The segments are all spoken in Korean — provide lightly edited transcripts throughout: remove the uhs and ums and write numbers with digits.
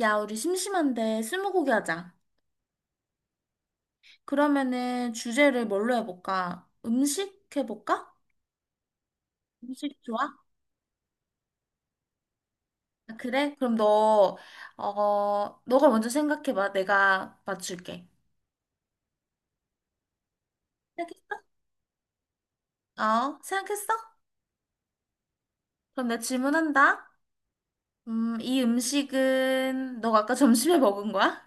야, 우리 심심한데 스무고개 하자. 그러면은 주제를 뭘로 해볼까? 음식 해볼까? 음식 좋아? 아, 그래? 그럼 너, 너가 먼저 생각해봐. 내가 맞출게. 생각했어? 어, 생각했어? 그럼 내가 질문한다. 이 음식은 너가 아까 점심에 먹은 거야?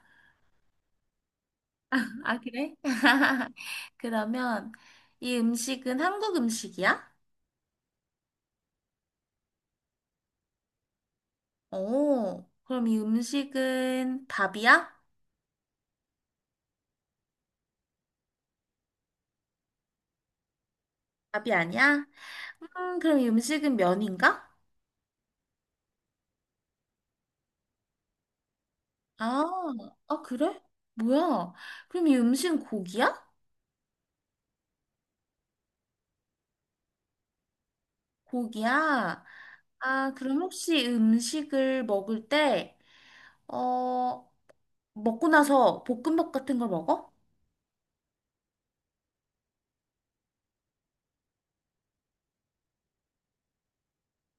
아, 그래? 그러면 이 음식은 한국 음식이야? 오, 그럼 이 음식은 밥이야? 밥이 아니야? 그럼 이 음식은 면인가? 아, 그래? 뭐야? 그럼 이 음식은 고기야? 고기야? 아, 그럼 혹시 음식을 먹을 때, 어, 먹고 나서 볶음밥 같은 걸 먹어?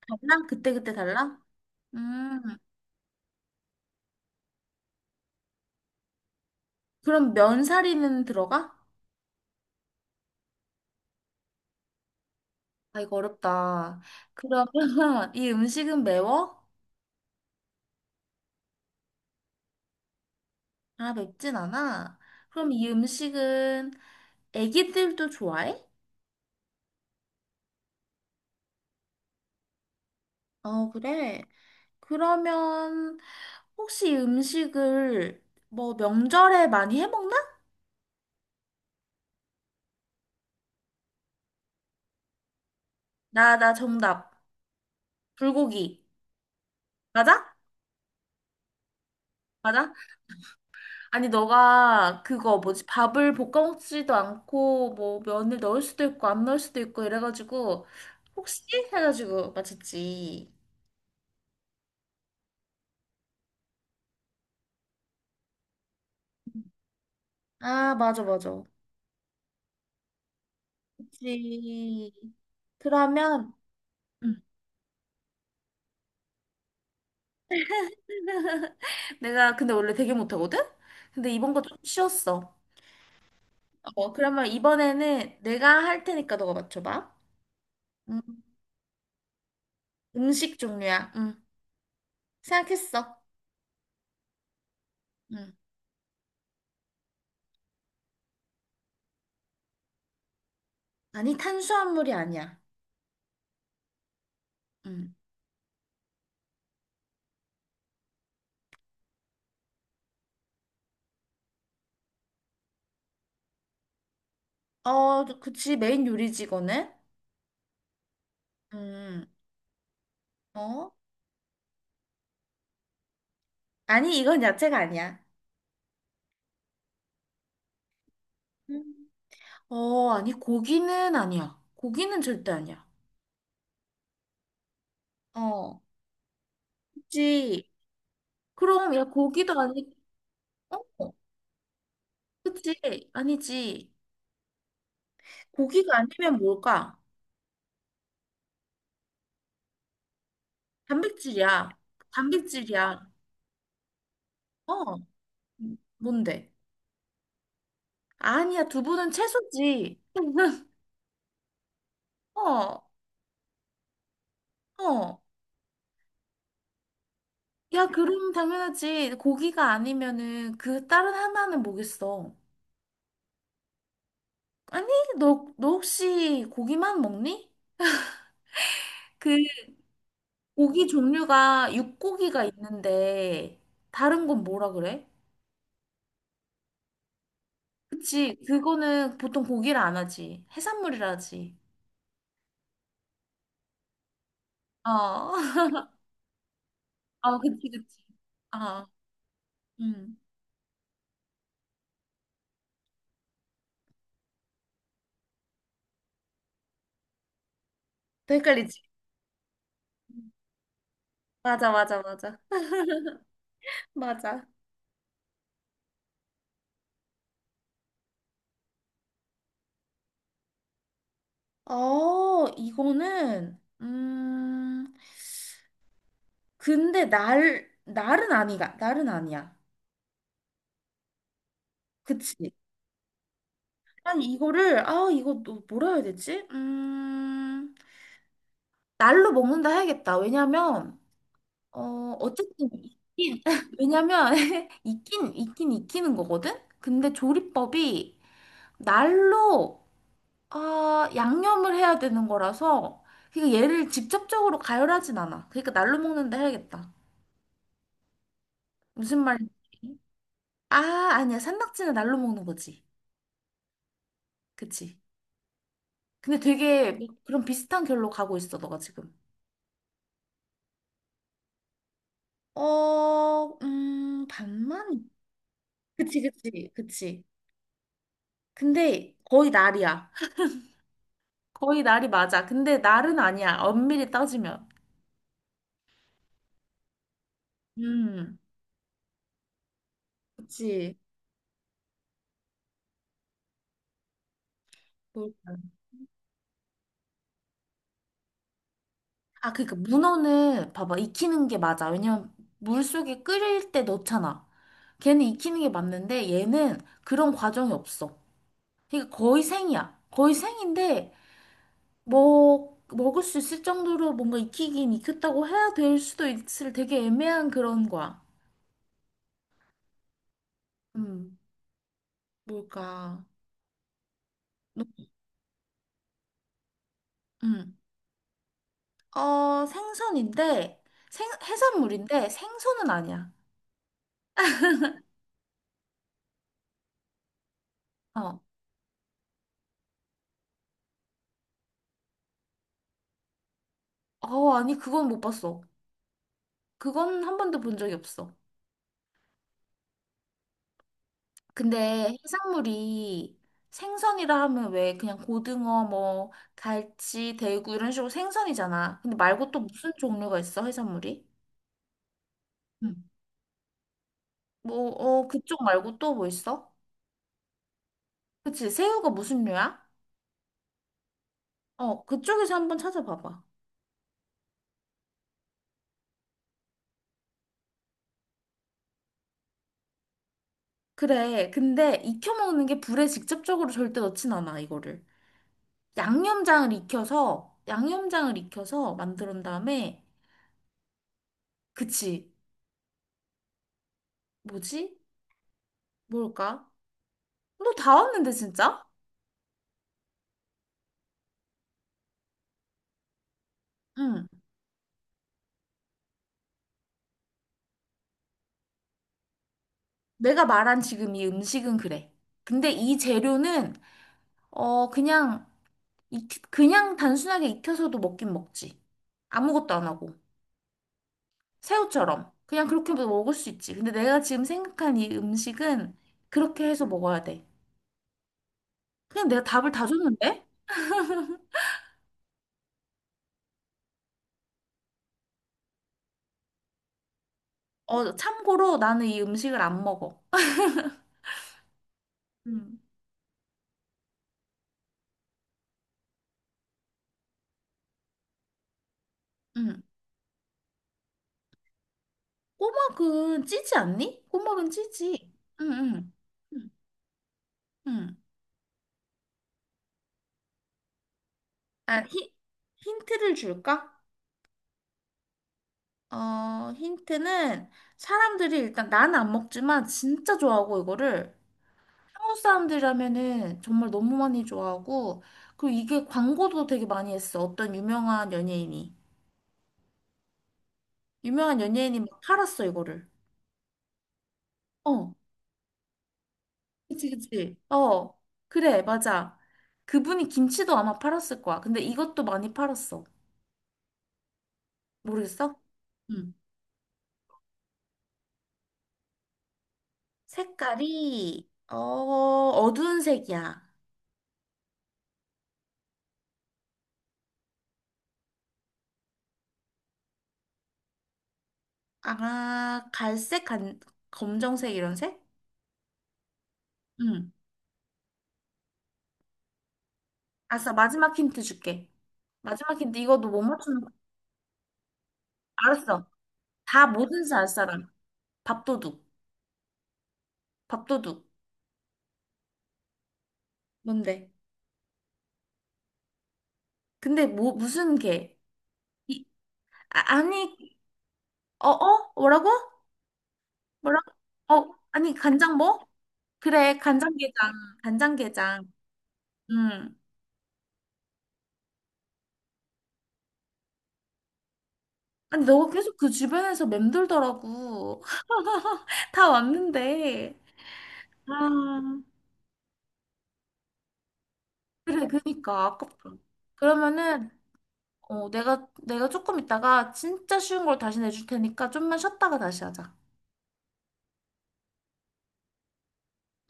달라? 그때그때 달라? 음, 그럼 면사리는 들어가? 아, 이거 어렵다. 그러면 이 음식은 매워? 아, 맵진 않아? 그럼 이 음식은 애기들도 좋아해? 어, 그래. 그러면 혹시 음식을 뭐 명절에 많이 해 먹나? 나 정답. 불고기. 맞아? 맞아? 아니, 너가 그거 뭐지? 밥을 볶아 먹지도 않고 뭐 면을 넣을 수도 있고 안 넣을 수도 있고 이래가지고 혹시? 해가지고 맞췄지. 아, 맞아, 맞아. 그치. 그러면 내가 근데 원래 되게 못하거든? 근데 이번 거 좀 쉬웠어. 어, 그러면 이번에는 내가 할 테니까 너가 맞춰봐. 음, 음식 종류야. 생각했어. 음. 아니, 탄수화물이 아니야. 음. 어, 그치. 메인 요리지, 이거는. 음, 어? 아니, 이건 야채가 아니야. 음. 아니, 고기는 아니야. 고기는 절대 아니야. 어, 그치. 그럼, 야, 고기도 아니, 어, 그치. 아니지. 고기가 아니면 뭘까? 단백질이야. 단백질이야. 어. 뭔데? 아니야, 두부는 채소지. 어, 어. 야, 그럼 당연하지. 고기가 아니면은 그 다른 하나는 뭐겠어? 아니, 너 혹시 고기만 먹니? 그 고기 종류가 육고기가 있는데 다른 건 뭐라 그래? 그치, 그거는 보통 고기를 안 하지. 해산물이라 하지. 어, 어, 그치, 그치. 어, 음. 더 헷갈리지? 맞아, 맞아, 맞아. 맞아. 이거는, 근데 날은 날은 아니야. 그치? 아니, 이거를, 아, 이거 또 뭐라 해야 되지? 날로 먹는다 해야겠다. 왜냐면, 어, 어쨌든, 왜냐면, 익긴 익히는 거거든? 근데 조리법이 날로, 아, 양념을 해야 되는 거라서, 그러니까 얘를 직접적으로 가열하진 않아. 그러니까 날로 먹는다 해야겠다. 무슨 말인지. 아, 아니야. 산낙지는 날로 먹는 거지. 그치? 근데 되게 네. 그런 비슷한 결로 가고 있어, 너가 지금. 어, 반만? 그치, 그치, 그치. 근데 거의 날이야. 거의 날이 맞아. 근데 날은 아니야. 엄밀히 따지면. 음, 그치. 뭘 아, 그니까 문어는 봐봐. 익히는 게 맞아. 왜냐면 물속에 끓일 때 넣잖아. 걔는 익히는 게 맞는데 얘는 그런 과정이 없어. 그러니까 거의 생이야. 거의 생인데 먹을 수 있을 정도로 뭔가 익히긴 익혔다고 해야 될 수도 있을 되게 애매한 그런 거야. 음, 뭘까? 노- 음, 어, 생선인데, 해산물인데 생선은 아니야. 어, 아니, 그건 못 봤어. 그건 한 번도 본 적이 없어. 근데 해산물이 생선이라 하면 왜 그냥 고등어, 뭐, 갈치, 대구 이런 식으로 생선이잖아. 근데 말고 또 무슨 종류가 있어, 해산물이? 응. 뭐, 어, 그쪽 말고 또 뭐 있어? 그치, 새우가 무슨 류야? 어, 그쪽에서 한번 찾아봐봐. 그래, 근데 익혀 먹는 게 불에 직접적으로 절대 넣진 않아, 이거를. 양념장을 익혀서, 양념장을 익혀서 만든 다음에, 그치, 뭐지? 뭘까? 너 다 왔는데, 진짜? 응. 내가 말한 지금 이 음식은 그래. 근데 이 재료는, 어, 그냥, 그냥 단순하게 익혀서도 먹긴 먹지. 아무것도 안 하고. 새우처럼. 그냥 그렇게 먹을 수 있지. 근데 내가 지금 생각한 이 음식은 그렇게 해서 먹어야 돼. 그냥 내가 답을 다 줬는데? 어, 참고로 나는 이 음식을 안 먹어. 응, 응. 꼬막은 찌지 않니? 꼬막은 찌지. 응, 응. 응, 응. 아, 히, 힌트를 줄까? 어, 힌트는 사람들이 일단 나는 안 먹지만 진짜 좋아하고 이거를 한국 사람들이라면은 정말 너무 많이 좋아하고, 그리고 이게 광고도 되게 많이 했어. 어떤 유명한 연예인이. 유명한 연예인이 막 팔았어, 이거를. 어, 그치, 그치. 어, 그래, 맞아. 그분이 김치도 아마 팔았을 거야. 근데 이것도 많이 팔았어. 모르겠어? 응. 색깔이, 어, 어두운 색이야. 아, 갈색, 간, 검정색 이런 색? 응. 알았어, 마지막 힌트 줄게. 마지막 힌트 이거 너 못 맞추는 거 알았어. 다 모든 살 사람. 밥도둑. 밥도둑. 뭔데? 근데 뭐 무슨 개? 이, 아, 아니 어 어? 뭐라고? 뭐라고? 어 아니 간장 뭐? 그래 간장게장 간장게장. 음. 아니 너가 계속 그 주변에서 맴돌더라고. 다 왔는데. 아 그래 그니까 아깝다. 그러면은 어 내가 조금 있다가 진짜 쉬운 걸 다시 내줄 테니까 좀만 쉬었다가 다시 하자.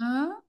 응?